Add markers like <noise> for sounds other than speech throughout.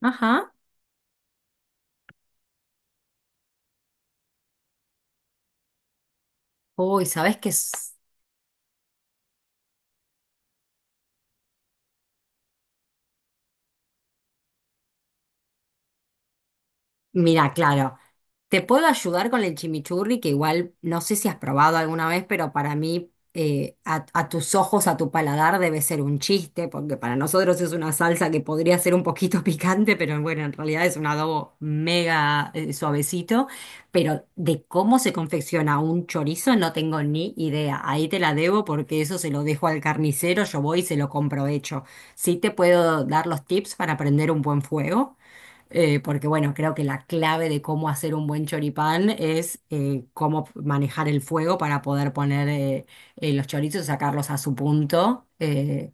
Ajá. Uy, ¿sabes qué? Es? Mira, claro, te puedo ayudar con el chimichurri, que igual no sé si has probado alguna vez, pero para mí, a tus ojos, a tu paladar, debe ser un chiste, porque para nosotros es una salsa que podría ser un poquito <laughs> picante, pero bueno, en realidad es un adobo mega, suavecito. Pero de cómo se confecciona un chorizo no tengo ni idea. Ahí te la debo porque eso se lo dejo al carnicero, yo voy y se lo compro hecho. Sí te puedo dar los tips para prender un buen fuego. Porque bueno, creo que la clave de cómo hacer un buen choripán es cómo manejar el fuego para poder poner los chorizos, sacarlos a su punto.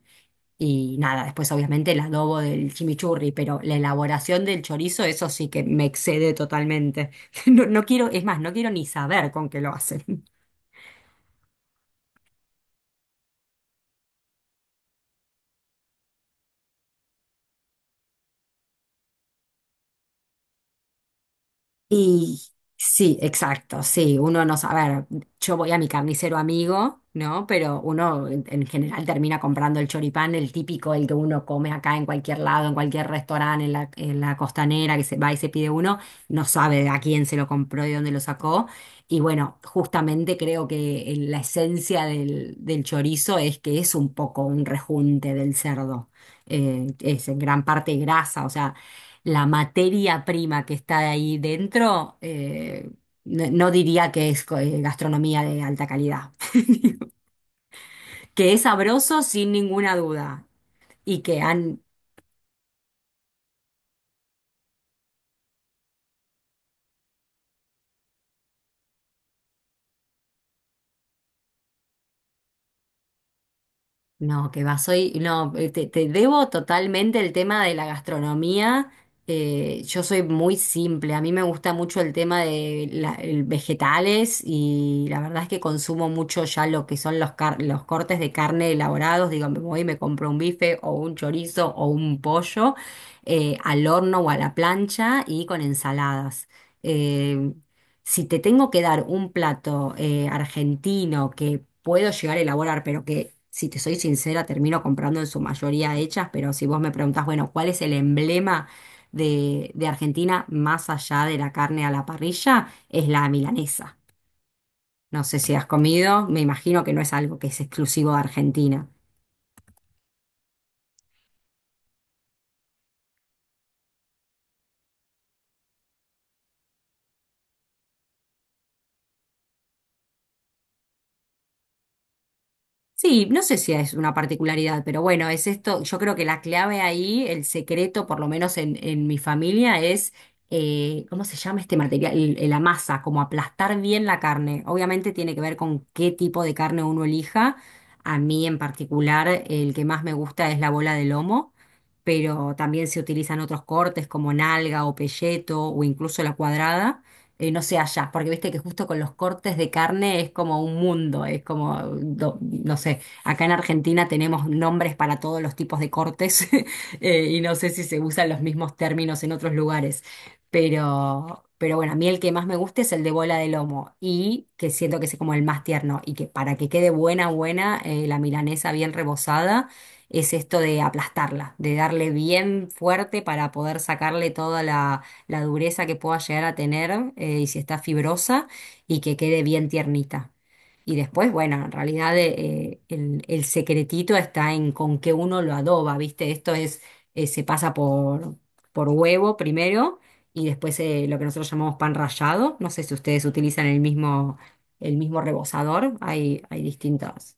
Y nada, después obviamente el adobo del chimichurri, pero la elaboración del chorizo, eso sí que me excede totalmente. <laughs> No, no quiero, es más, no quiero ni saber con qué lo hacen. Y sí, exacto, sí, uno no sabe, a ver, yo voy a mi carnicero amigo, ¿no? Pero uno en general termina comprando el choripán, el típico, el que uno come acá en cualquier lado, en cualquier restaurante, en la costanera, que se va y se pide uno, no sabe a quién se lo compró y dónde lo sacó. Y bueno, justamente creo que la esencia del chorizo es que es un poco un rejunte del cerdo. Es en gran parte grasa, o sea la materia prima que está ahí dentro, no, no diría que es gastronomía de alta calidad. <laughs> Que es sabroso sin ninguna duda y que han No, que va, soy, no, te debo totalmente el tema de la gastronomía. Yo soy muy simple, a mí me gusta mucho el tema de el vegetales y la verdad es que consumo mucho ya lo que son los cortes de carne elaborados. Digo, me voy y me compro un bife o un chorizo o un pollo al horno o a la plancha y con ensaladas. eh, si te tengo que dar un plato argentino que puedo llegar a elaborar, pero que, si te soy sincera, termino comprando en su mayoría hechas, pero si vos me preguntás, bueno, ¿cuál es el emblema de Argentina más allá de la carne a la parrilla? Es la milanesa. No sé si has comido, me imagino que no es algo que es exclusivo de Argentina. Sí, no sé si es una particularidad, pero bueno, es esto, yo creo que la clave ahí, el secreto, por lo menos en mi familia, es, ¿cómo se llama este material? La masa, como aplastar bien la carne. Obviamente tiene que ver con qué tipo de carne uno elija. A mí en particular, el que más me gusta es la bola de lomo, pero también se utilizan otros cortes como nalga o pelleto o incluso la cuadrada no sé allá, porque viste que justo con los cortes de carne es como un mundo, es como, no sé, acá en Argentina tenemos nombres para todos los tipos de cortes <laughs> y no sé si se usan los mismos términos en otros lugares, pero bueno, a mí el que más me gusta es el de bola de lomo y que siento que es como el más tierno y que para que quede buena, buena, la milanesa bien rebozada. Es esto de aplastarla, de darle bien fuerte para poder sacarle toda la dureza que pueda llegar a tener y si está fibrosa y que quede bien tiernita. Y después, bueno, en realidad el secretito está en con qué uno lo adoba, ¿viste? Esto es, se pasa por huevo primero y después lo que nosotros llamamos pan rallado. No sé si ustedes utilizan el mismo rebozador, hay distintas.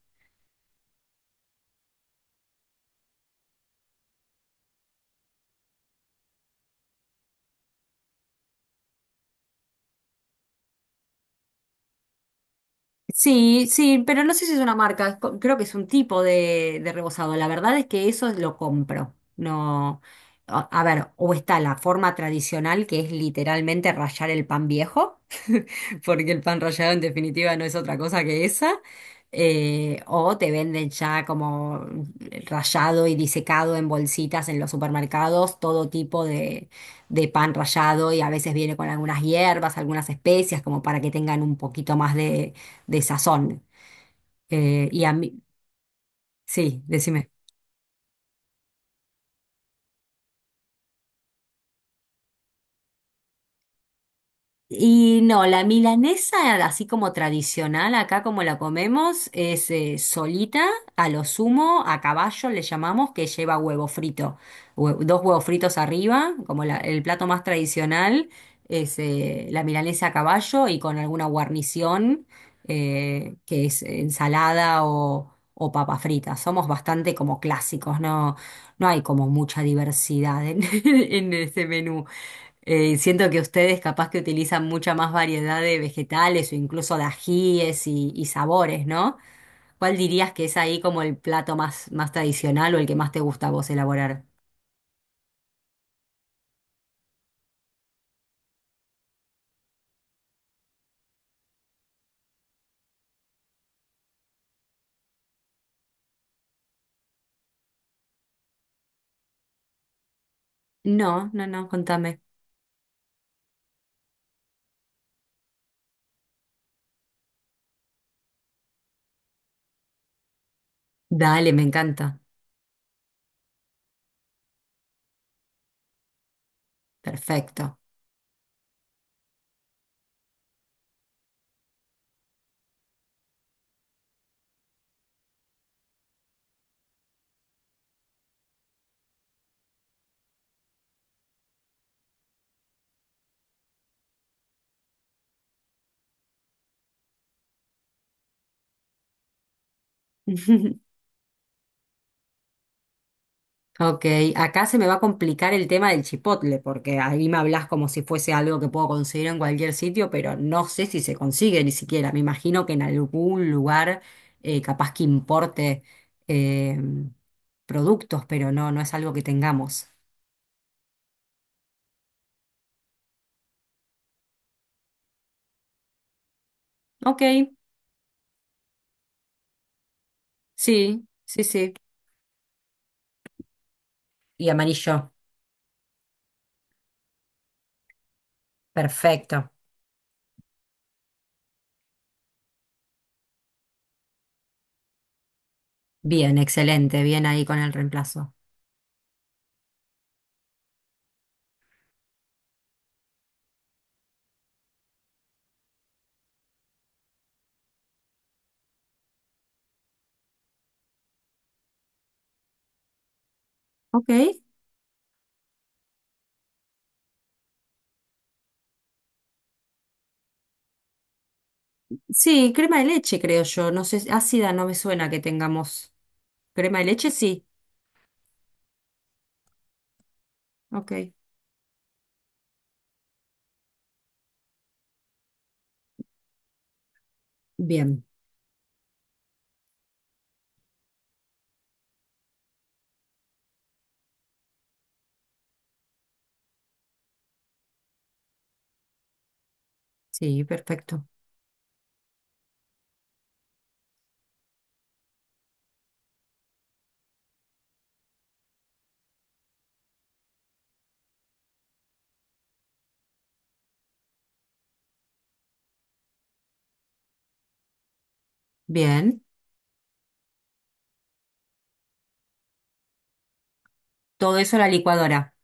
Sí, sí, pero no sé si es una marca, es creo que es un tipo de rebozado. La verdad es que eso lo compro. No, a ver, o está la forma tradicional que es literalmente rallar el pan viejo, <laughs> porque el pan rallado en definitiva no es otra cosa que esa. O te venden ya como rallado y disecado en bolsitas en los supermercados, todo tipo de pan rallado y a veces viene con algunas hierbas, algunas especias, como para que tengan un poquito más de sazón. Y a mí, sí, decime. Y no, la milanesa, así como tradicional, acá como la comemos, es solita, a lo sumo, a caballo le llamamos, que lleva huevo frito, dos huevos fritos arriba, como el plato más tradicional, es la milanesa a caballo y con alguna guarnición, que es ensalada o papa frita. Somos bastante como clásicos, no, no hay como mucha diversidad en <laughs> en ese menú. Siento que ustedes capaz que utilizan mucha más variedad de vegetales o incluso de ajíes y sabores, ¿no? ¿Cuál dirías que es ahí como el plato más, tradicional o el que más te gusta a vos elaborar? No, no, no, contame. Dale, me encanta. Perfecto. <laughs> Ok, acá se me va a complicar el tema del chipotle, porque ahí me hablas como si fuese algo que puedo conseguir en cualquier sitio, pero no sé si se consigue ni siquiera. Me imagino que en algún lugar capaz que importe eh, productos, pero no, no es algo que tengamos. Ok, sí, sí, sí. Y amarillo, perfecto. Bien, excelente, bien ahí con el reemplazo. Ok, sí, crema de leche creo yo, no sé, ácida no me suena que tengamos. Crema de leche sí. Ok. Bien, sí, perfecto. Bien, todo eso a la licuadora.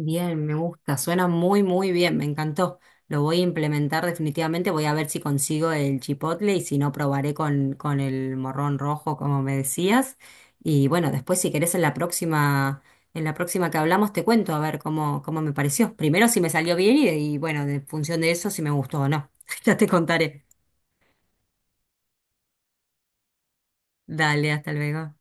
Bien, me gusta, suena muy, muy bien, me encantó. Lo voy a implementar definitivamente, voy a ver si consigo el chipotle y si no, probaré con el morrón rojo, como me decías. Y bueno, después si querés en la próxima, que hablamos te cuento a ver cómo me pareció. Primero si me salió bien y bueno, en función de eso si me gustó o no. <laughs> Ya te contaré. Dale, hasta luego.